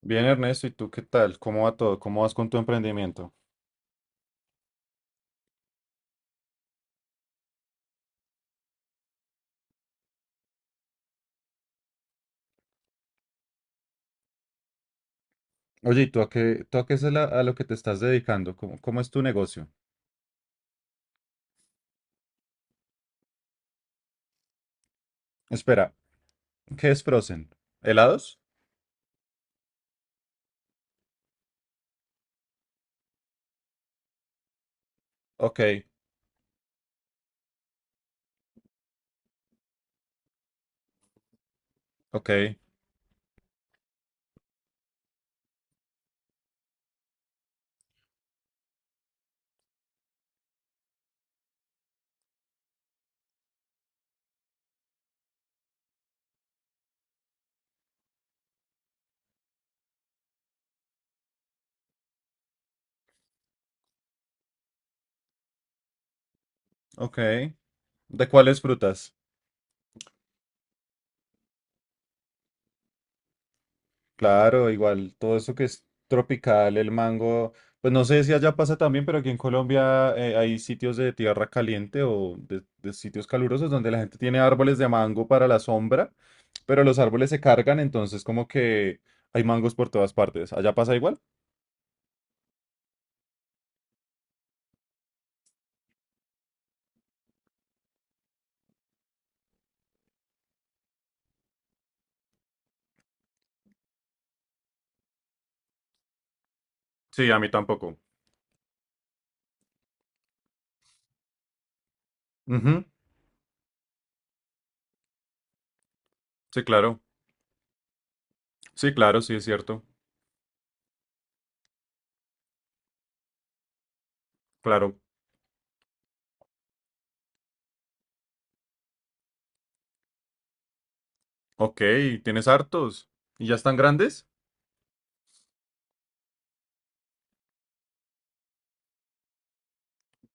Bien, Ernesto, ¿y tú qué tal? ¿Cómo va todo? ¿Cómo vas con tu emprendimiento? Oye, ¿y tú a qué es la- a lo que te estás dedicando? ¿Cómo es tu negocio? Espera, ¿qué es Frozen? ¿Helados? Ok, ok, ok. ¿De cuáles frutas? Claro, igual todo eso que es tropical, el mango, pues no sé si allá pasa también, pero aquí en Colombia hay sitios de tierra caliente o de sitios calurosos donde la gente tiene árboles de mango para la sombra, pero los árboles se cargan, entonces como que hay mangos por todas partes. ¿Allá pasa igual? Sí, a mí tampoco. Ujú. Sí, claro. Sí, claro, sí, es cierto. Claro. Ok, tienes hartos. ¿Y ya están grandes?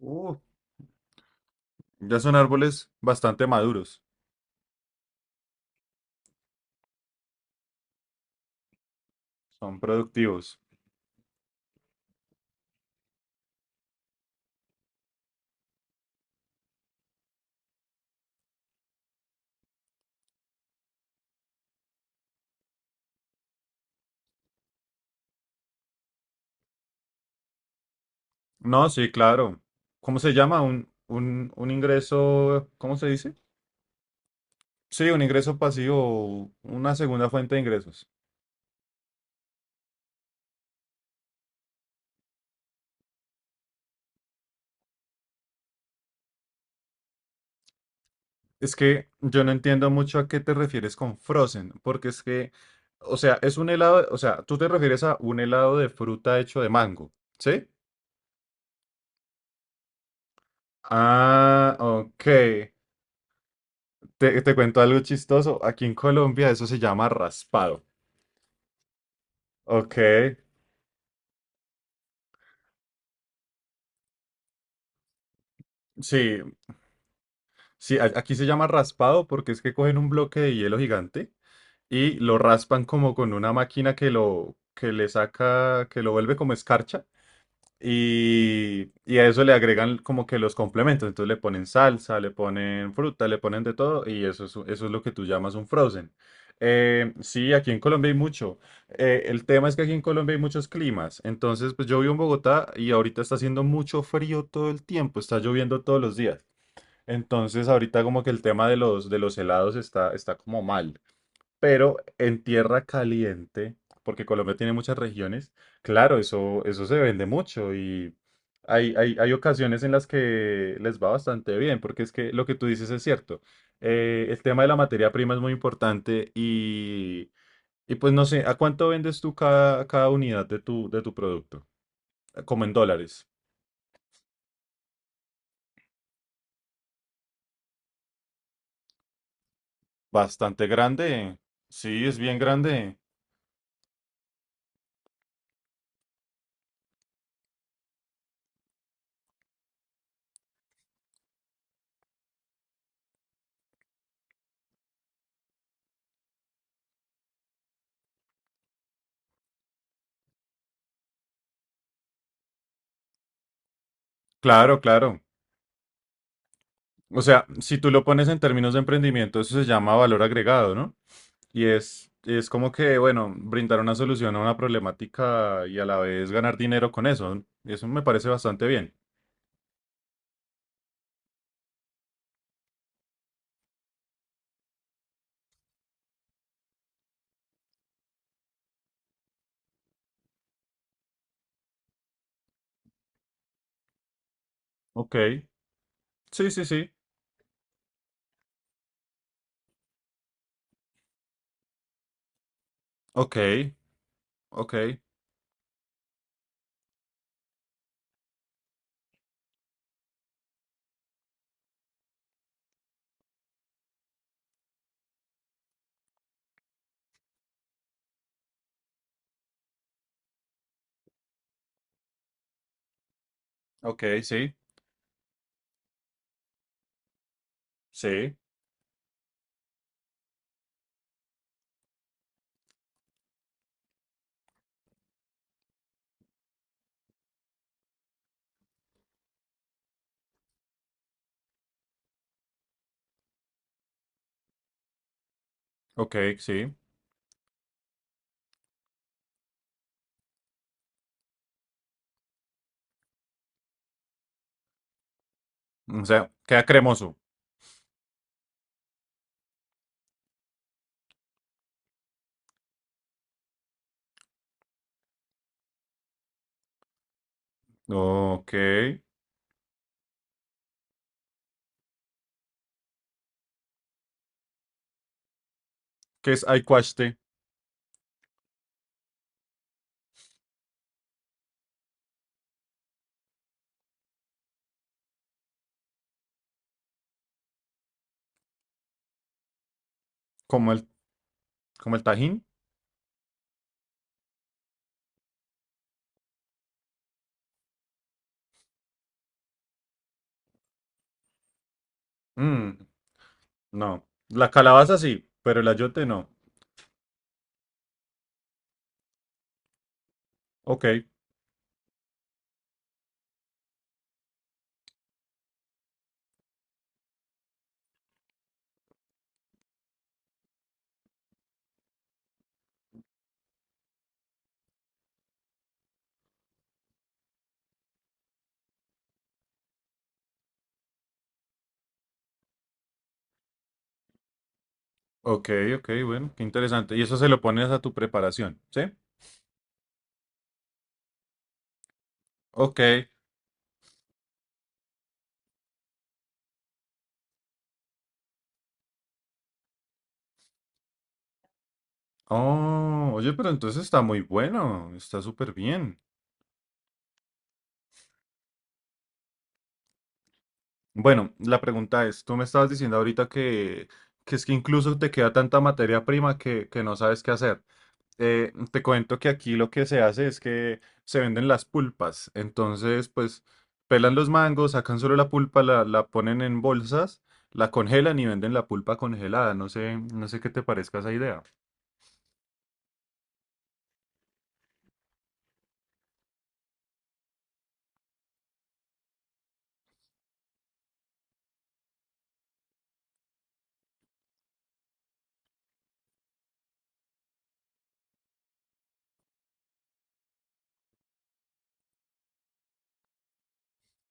Uh, ya son árboles bastante maduros, son productivos. No, sí, claro. ¿Cómo se llama? Un ingreso, ¿cómo se dice? Sí, un ingreso pasivo, una segunda fuente de ingresos. Es que yo no entiendo mucho a qué te refieres con frozen, porque es que, o sea, es un helado, o sea, tú te refieres a un helado de fruta hecho de mango, ¿sí? Ah, ok. Te cuento algo chistoso. Aquí en Colombia eso se llama raspado. Ok. Sí, sí, aquí se llama raspado porque es que cogen un bloque de hielo gigante y lo raspan como con una máquina que lo que le saca, que lo vuelve como escarcha y a eso le agregan como que los complementos, entonces le ponen salsa, le ponen fruta, le ponen de todo y eso es lo que tú llamas un frozen. Sí, aquí en Colombia hay mucho. El tema es que aquí en Colombia hay muchos climas. Entonces, pues yo vivo en Bogotá y ahorita está haciendo mucho frío todo el tiempo, está lloviendo todos los días. Entonces, ahorita como que el tema de los helados está, está como mal. Pero en tierra caliente, porque Colombia tiene muchas regiones, claro, eso se vende mucho y hay ocasiones en las que les va bastante bien, porque es que lo que tú dices es cierto. El tema de la materia prima es muy importante y pues no sé, ¿a cuánto vendes tú cada unidad de tu producto? Como en dólares. Bastante grande. Sí, es bien grande. Claro, claro. O sea, si tú lo pones en términos de emprendimiento, eso se llama valor agregado, ¿no? Y es como que, bueno, brindar una solución a una problemática y a la vez ganar dinero con eso. Eso me parece bastante bien. Ok. Sí, sí, sí. Ok. Ok. Ok, sí. Sí. Ok, sí. O sea, queda cremoso. Ok. ¿Qué es aicuaste? ¿Como el, como el tajín? Mm, no. La calabaza sí, pero el ayote no. Ok. Ok, ok, bueno, qué interesante. Y eso se lo pones a tu preparación, ¿sí? Ok. Oh, oye, pero entonces está muy bueno, está súper bien. Bueno, la pregunta es, tú me estabas diciendo ahorita que es que incluso te queda tanta materia prima que no sabes qué hacer. Te cuento que aquí lo que se hace es que se venden las pulpas. Entonces, pues, pelan los mangos, sacan solo la pulpa, la ponen en bolsas, la congelan y venden la pulpa congelada. No sé, no sé qué te parezca esa idea.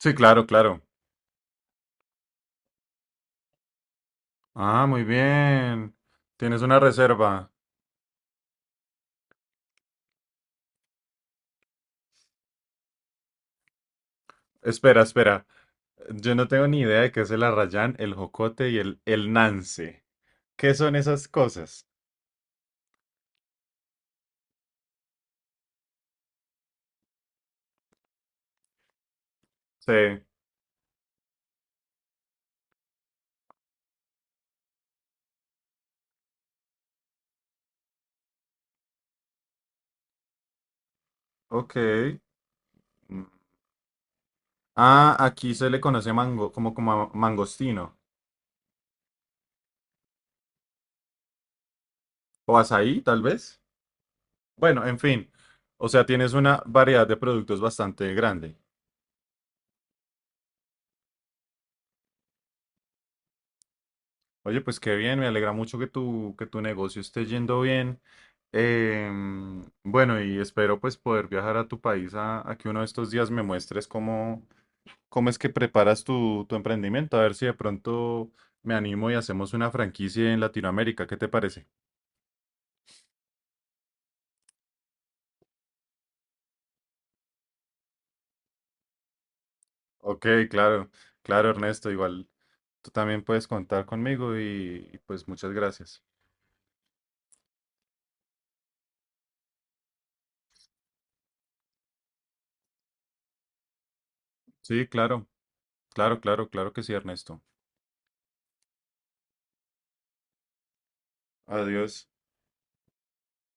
Sí, claro, claro. Ah, muy bien. Tienes una reserva. Espera, espera. Yo no tengo ni idea de qué es el arrayán, el jocote y el nance. ¿Qué son esas cosas? Sí, ok. Mm. Ah, aquí se le conoce mango, como, como mangostino. O azaí, tal vez. Bueno, en fin. O sea, tienes una variedad de productos bastante grande. Oye, pues qué bien, me alegra mucho que tu negocio esté yendo bien. Bueno, y espero pues poder viajar a tu país a que uno de estos días me muestres cómo. ¿Cómo es que preparas tu, tu emprendimiento? A ver si de pronto me animo y hacemos una franquicia en Latinoamérica. ¿Qué te parece? Ok, claro, claro, Ernesto. Igual tú también puedes contar conmigo y pues muchas gracias. Sí, claro, claro, claro, claro que sí, Ernesto. Adiós.